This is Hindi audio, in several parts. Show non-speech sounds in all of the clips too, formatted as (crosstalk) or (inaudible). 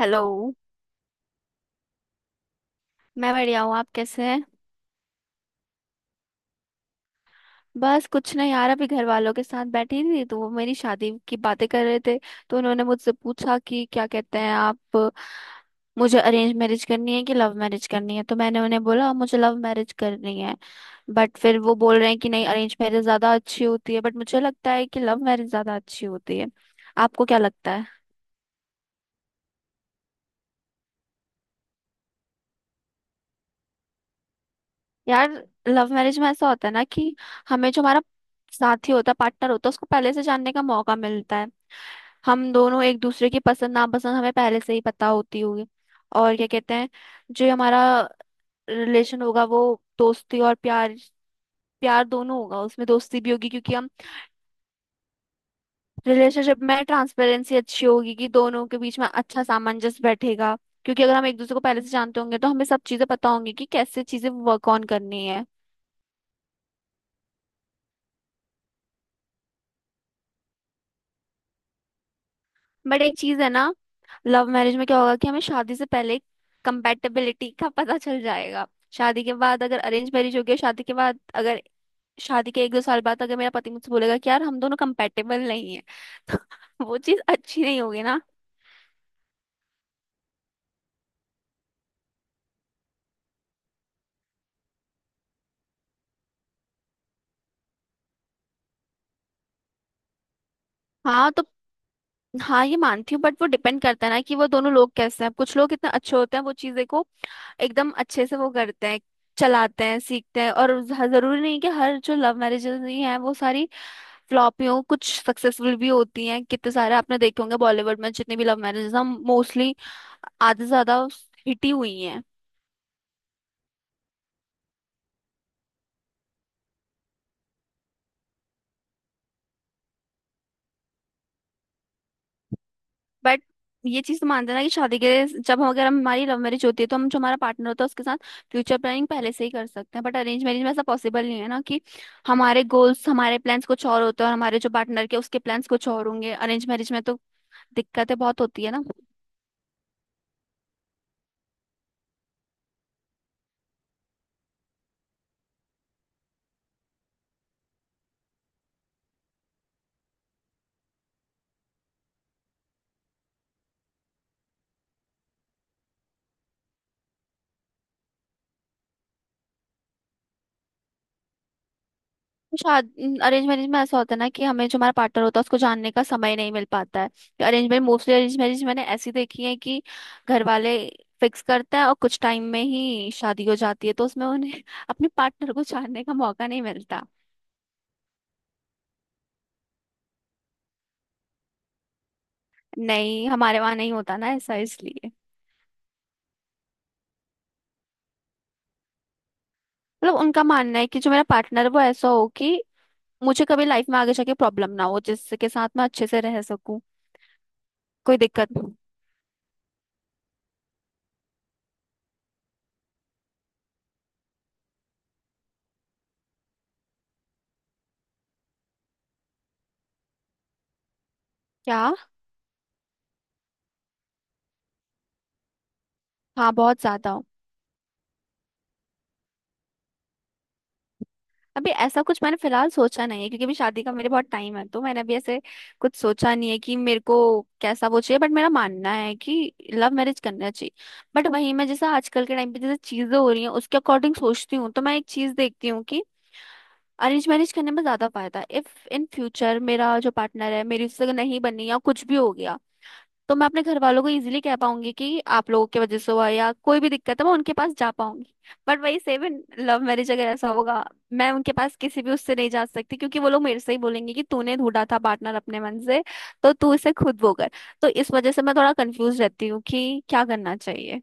हेलो। मैं बढ़िया हूँ, आप कैसे हैं? बस कुछ नहीं यार, अभी घर वालों के साथ बैठी थी तो वो मेरी शादी की बातें कर रहे थे। तो उन्होंने मुझसे पूछा कि क्या कहते हैं आप, मुझे अरेंज मैरिज करनी है कि लव मैरिज करनी है। तो मैंने उन्हें बोला, "हाँ, मुझे लव मैरिज करनी है।" बट फिर वो बोल रहे हैं कि नहीं, अरेंज मैरिज ज्यादा अच्छी होती है। बट मुझे लगता है कि लव मैरिज ज्यादा अच्छी होती है। आपको क्या लगता है? यार, लव मैरिज में ऐसा होता है ना कि हमें जो हमारा साथी होता है, पार्टनर होता है, उसको पहले से जानने का मौका मिलता है। हम दोनों एक दूसरे की पसंद नापसंद हमें पहले से ही पता होती होगी। और क्या कहते हैं, जो हमारा रिलेशन होगा वो दोस्ती और प्यार प्यार दोनों होगा, उसमें दोस्ती भी होगी, क्योंकि हम रिलेशनशिप में ट्रांसपेरेंसी अच्छी होगी कि दोनों के बीच में अच्छा सामंजस्य बैठेगा। क्योंकि अगर हम एक दूसरे को पहले से जानते होंगे तो हमें सब चीजें पता होंगी कि कैसे चीजें वर्क ऑन करनी है। बट एक चीज है ना, लव मैरिज में क्या होगा कि हमें शादी से पहले कंपेटेबिलिटी का पता चल जाएगा। शादी के बाद अगर अरेंज मैरिज हो गया, शादी के बाद अगर शादी के एक दो साल बाद अगर मेरा पति मुझसे बोलेगा कि यार हम दोनों कंपेटेबल नहीं है, (laughs) तो वो चीज अच्छी नहीं होगी ना। हाँ तो, हाँ, ये मानती हूँ बट वो डिपेंड करता है ना कि वो दोनों लोग कैसे हैं। कुछ लोग इतने अच्छे होते हैं वो चीजें को एकदम अच्छे से वो करते हैं, चलाते हैं, सीखते हैं। और जरूरी नहीं कि हर जो लव मैरिजेस ही हैं वो सारी फ्लॉपियों, कुछ सक्सेसफुल भी होती हैं। कितने सारे आपने देखे होंगे बॉलीवुड में, जितने भी लव मैरिजेस हम मोस्टली, आधे से ज्यादा हिट ही हुई हैं। बट ये चीज तो मान देना कि शादी के जब हम अगर हमारी लव मैरिज होती है तो हम जो हमारा पार्टनर होता है उसके साथ फ्यूचर प्लानिंग पहले से ही कर सकते हैं। बट अरेंज मैरिज में ऐसा पॉसिबल नहीं है ना कि हमारे गोल्स हमारे प्लान्स कुछ और होते हैं और हमारे जो पार्टनर के उसके प्लान्स कुछ और होंगे अरेंज मैरिज में, तो दिक्कतें बहुत होती है ना। शादी अरेंज मैरिज में ऐसा होता है ना कि हमें जो हमारा पार्टनर होता है उसको जानने का समय नहीं मिल पाता है। अरेंज मैरिज मैंने ऐसी देखी है कि घर वाले फिक्स करते हैं और कुछ टाइम में ही शादी हो जाती है, तो उसमें उन्हें (laughs) अपने पार्टनर को जानने का मौका नहीं मिलता। नहीं, हमारे वहां नहीं होता ना ऐसा, इसलिए। मतलब उनका मानना है कि जो मेरा पार्टनर है वो ऐसा हो कि मुझे कभी लाइफ में आगे जाके प्रॉब्लम ना हो, जिसके साथ मैं अच्छे से रह सकूं, कोई दिक्कत नहीं। क्या? हाँ, बहुत ज्यादा। अभी ऐसा कुछ मैंने फिलहाल सोचा नहीं है क्योंकि अभी शादी का मेरे बहुत टाइम है, तो मैंने अभी ऐसे कुछ सोचा नहीं है कि मेरे को कैसा वो चाहिए। बट मेरा मानना है कि लव मैरिज करना चाहिए। बट वहीं मैं जैसा आजकल के टाइम पे जैसे चीजें हो रही हैं उसके अकॉर्डिंग सोचती हूँ तो मैं एक चीज देखती हूँ कि अरेंज मैरिज करने में ज्यादा फायदा है। इफ इन फ्यूचर मेरा जो पार्टनर है, मेरी उससे नहीं बनी या कुछ भी हो गया, तो मैं अपने घर वालों को इजीली कह पाऊंगी कि आप लोगों की वजह से हुआ, या कोई भी दिक्कत है मैं उनके पास जा पाऊंगी। बट वही सेम इन लव मैरिज अगर ऐसा होगा, मैं उनके पास किसी भी उससे नहीं जा सकती क्योंकि वो लोग मेरे से ही बोलेंगे कि तूने ढूंढा था पार्टनर अपने मन से, तो तू इसे खुद वो कर। तो इस वजह से मैं थोड़ा कंफ्यूज रहती हूँ कि क्या करना चाहिए।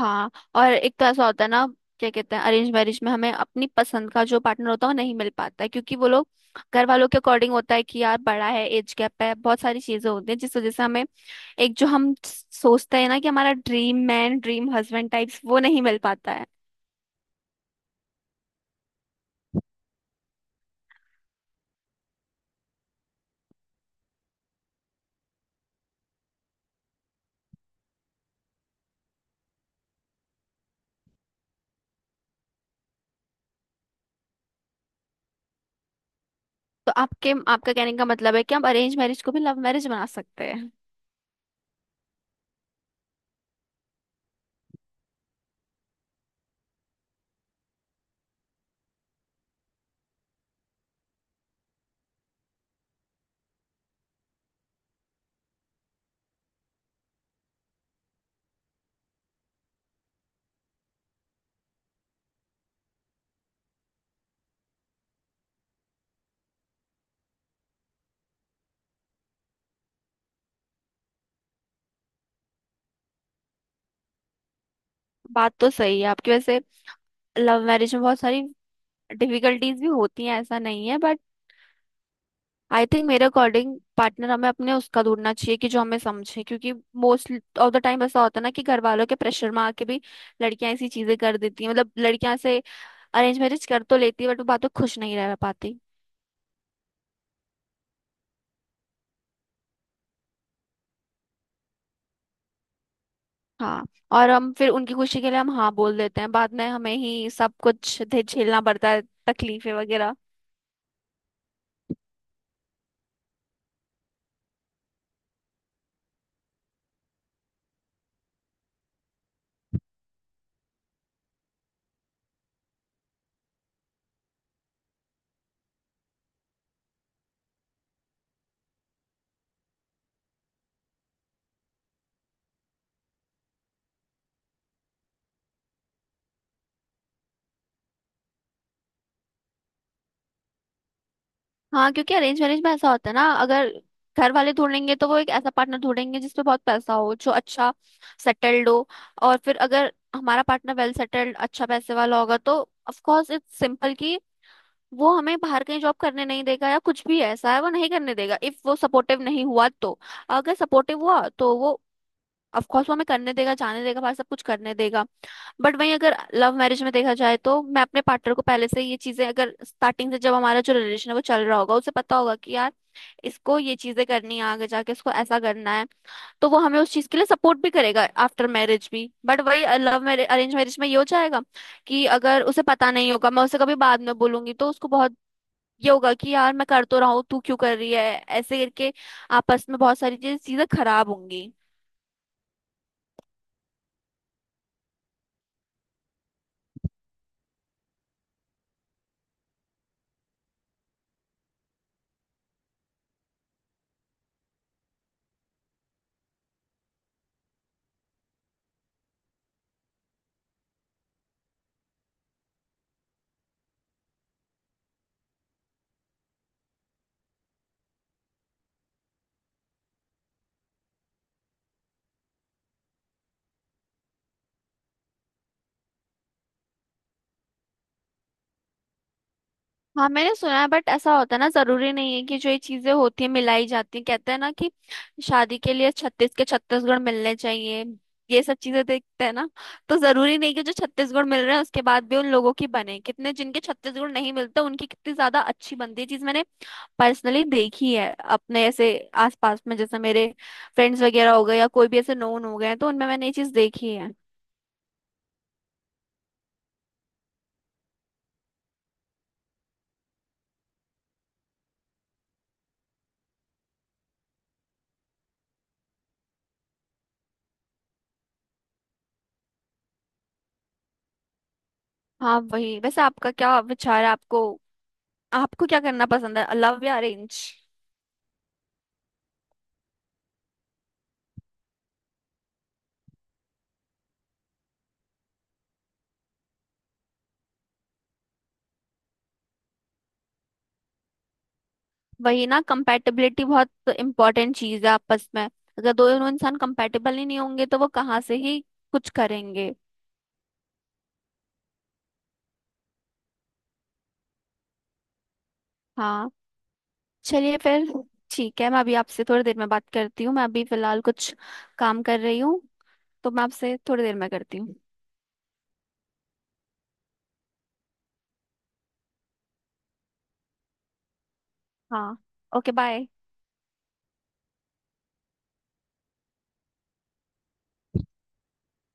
हाँ, और एक तो ऐसा होता है ना, क्या कहते हैं, अरेंज मैरिज में हमें अपनी पसंद का जो पार्टनर होता है वो नहीं मिल पाता है क्योंकि वो लोग घर वालों के अकॉर्डिंग होता है कि यार बड़ा है, एज गैप है, बहुत सारी चीजें होती हैं जिस वजह से हमें एक जो हम सोचते हैं ना कि हमारा dream man, dream husband types, वो नहीं मिल पाता है। तो आपके आपका कहने का मतलब है कि हम अरेंज मैरिज को भी लव मैरिज बना सकते हैं। बात तो सही है आपकी वैसे। लव मैरिज में बहुत सारी डिफिकल्टीज भी होती हैं, ऐसा नहीं है, बट आई थिंक मेरे अकॉर्डिंग पार्टनर हमें अपने उसका ढूंढना चाहिए कि जो हमें समझे, क्योंकि मोस्ट ऑफ द टाइम ऐसा होता है ना कि घर वालों के प्रेशर में आके भी लड़कियां ऐसी चीजें कर देती हैं, मतलब लड़कियां से अरेंज मैरिज कर तो लेती है बट वो बातों खुश नहीं रह पाती। हाँ, और हम फिर उनकी खुशी के लिए हम हाँ बोल देते हैं, बाद में हमें ही सब कुछ झेलना पड़ता है, तकलीफें वगैरह। हाँ, क्योंकि अरेंज मैरिज में ऐसा होता है ना, अगर घर वाले ढूंढेंगे तो वो एक ऐसा पार्टनर ढूंढेंगे जिसपे बहुत पैसा हो, जो अच्छा सेटल्ड हो। और फिर अगर हमारा पार्टनर वेल सेटल्ड अच्छा पैसे वाला होगा तो ऑफ कोर्स इट्स सिंपल कि वो हमें बाहर कहीं जॉब करने नहीं देगा, या कुछ भी ऐसा है वो नहीं करने देगा, इफ वो सपोर्टिव नहीं हुआ तो। अगर सपोर्टिव हुआ तो वो ऑफ कोर्स वो हमें करने देगा, जाने देगा, बाहर सब कुछ करने देगा। बट वहीं अगर लव मैरिज में देखा जाए तो मैं अपने पार्टनर को पहले से ये चीजें, अगर स्टार्टिंग से जब हमारा जो रिलेशन है वो चल रहा होगा, उसे पता होगा कि यार इसको ये चीजें करनी है, आगे जाके इसको ऐसा करना है, तो वो हमें उस चीज के लिए सपोर्ट भी करेगा आफ्टर मैरिज भी। बट वही लव मैरिज अरेंज मैरिज में ये हो जाएगा कि अगर उसे पता नहीं होगा, मैं उसे कभी बाद में बोलूंगी तो उसको बहुत ये होगा कि यार मैं कर तो रहा हूँ, तू क्यों कर रही है, ऐसे करके आपस में बहुत सारी चीजें चीजें खराब होंगी। हाँ मैंने सुना है बट ऐसा होता है ना, जरूरी नहीं है कि जो ये चीजें होती है मिलाई जाती है, कहते हैं ना कि शादी के लिए 36 के 36 गुण मिलने चाहिए। ये सब चीजें देखते हैं ना। तो जरूरी नहीं कि जो 36 गुण मिल रहे हैं उसके बाद भी उन लोगों की बने, कितने जिनके 36 गुण नहीं मिलते उनकी कितनी ज्यादा अच्छी बनती है। चीज मैंने पर्सनली देखी है अपने ऐसे आसपास में, जैसे मेरे फ्रेंड्स वगैरह हो गए या कोई भी ऐसे नोन हो गए हैं, तो उनमें मैंने ये चीज देखी है। हाँ वही, वैसे आपका क्या विचार है, आपको आपको क्या करना पसंद है, लव या अरेंज? वही ना, कंपैटिबिलिटी बहुत इंपॉर्टेंट चीज है आपस में। अगर दोनों इंसान कंपैटिबल ही नहीं होंगे तो वो कहाँ से ही कुछ करेंगे। हाँ, चलिए फिर। ठीक है, मैं अभी आपसे थोड़ी देर में बात करती हूँ, मैं अभी फिलहाल कुछ काम कर रही हूँ। तो मैं आपसे थोड़ी देर में करती हूँ। हाँ, ओके, बाय।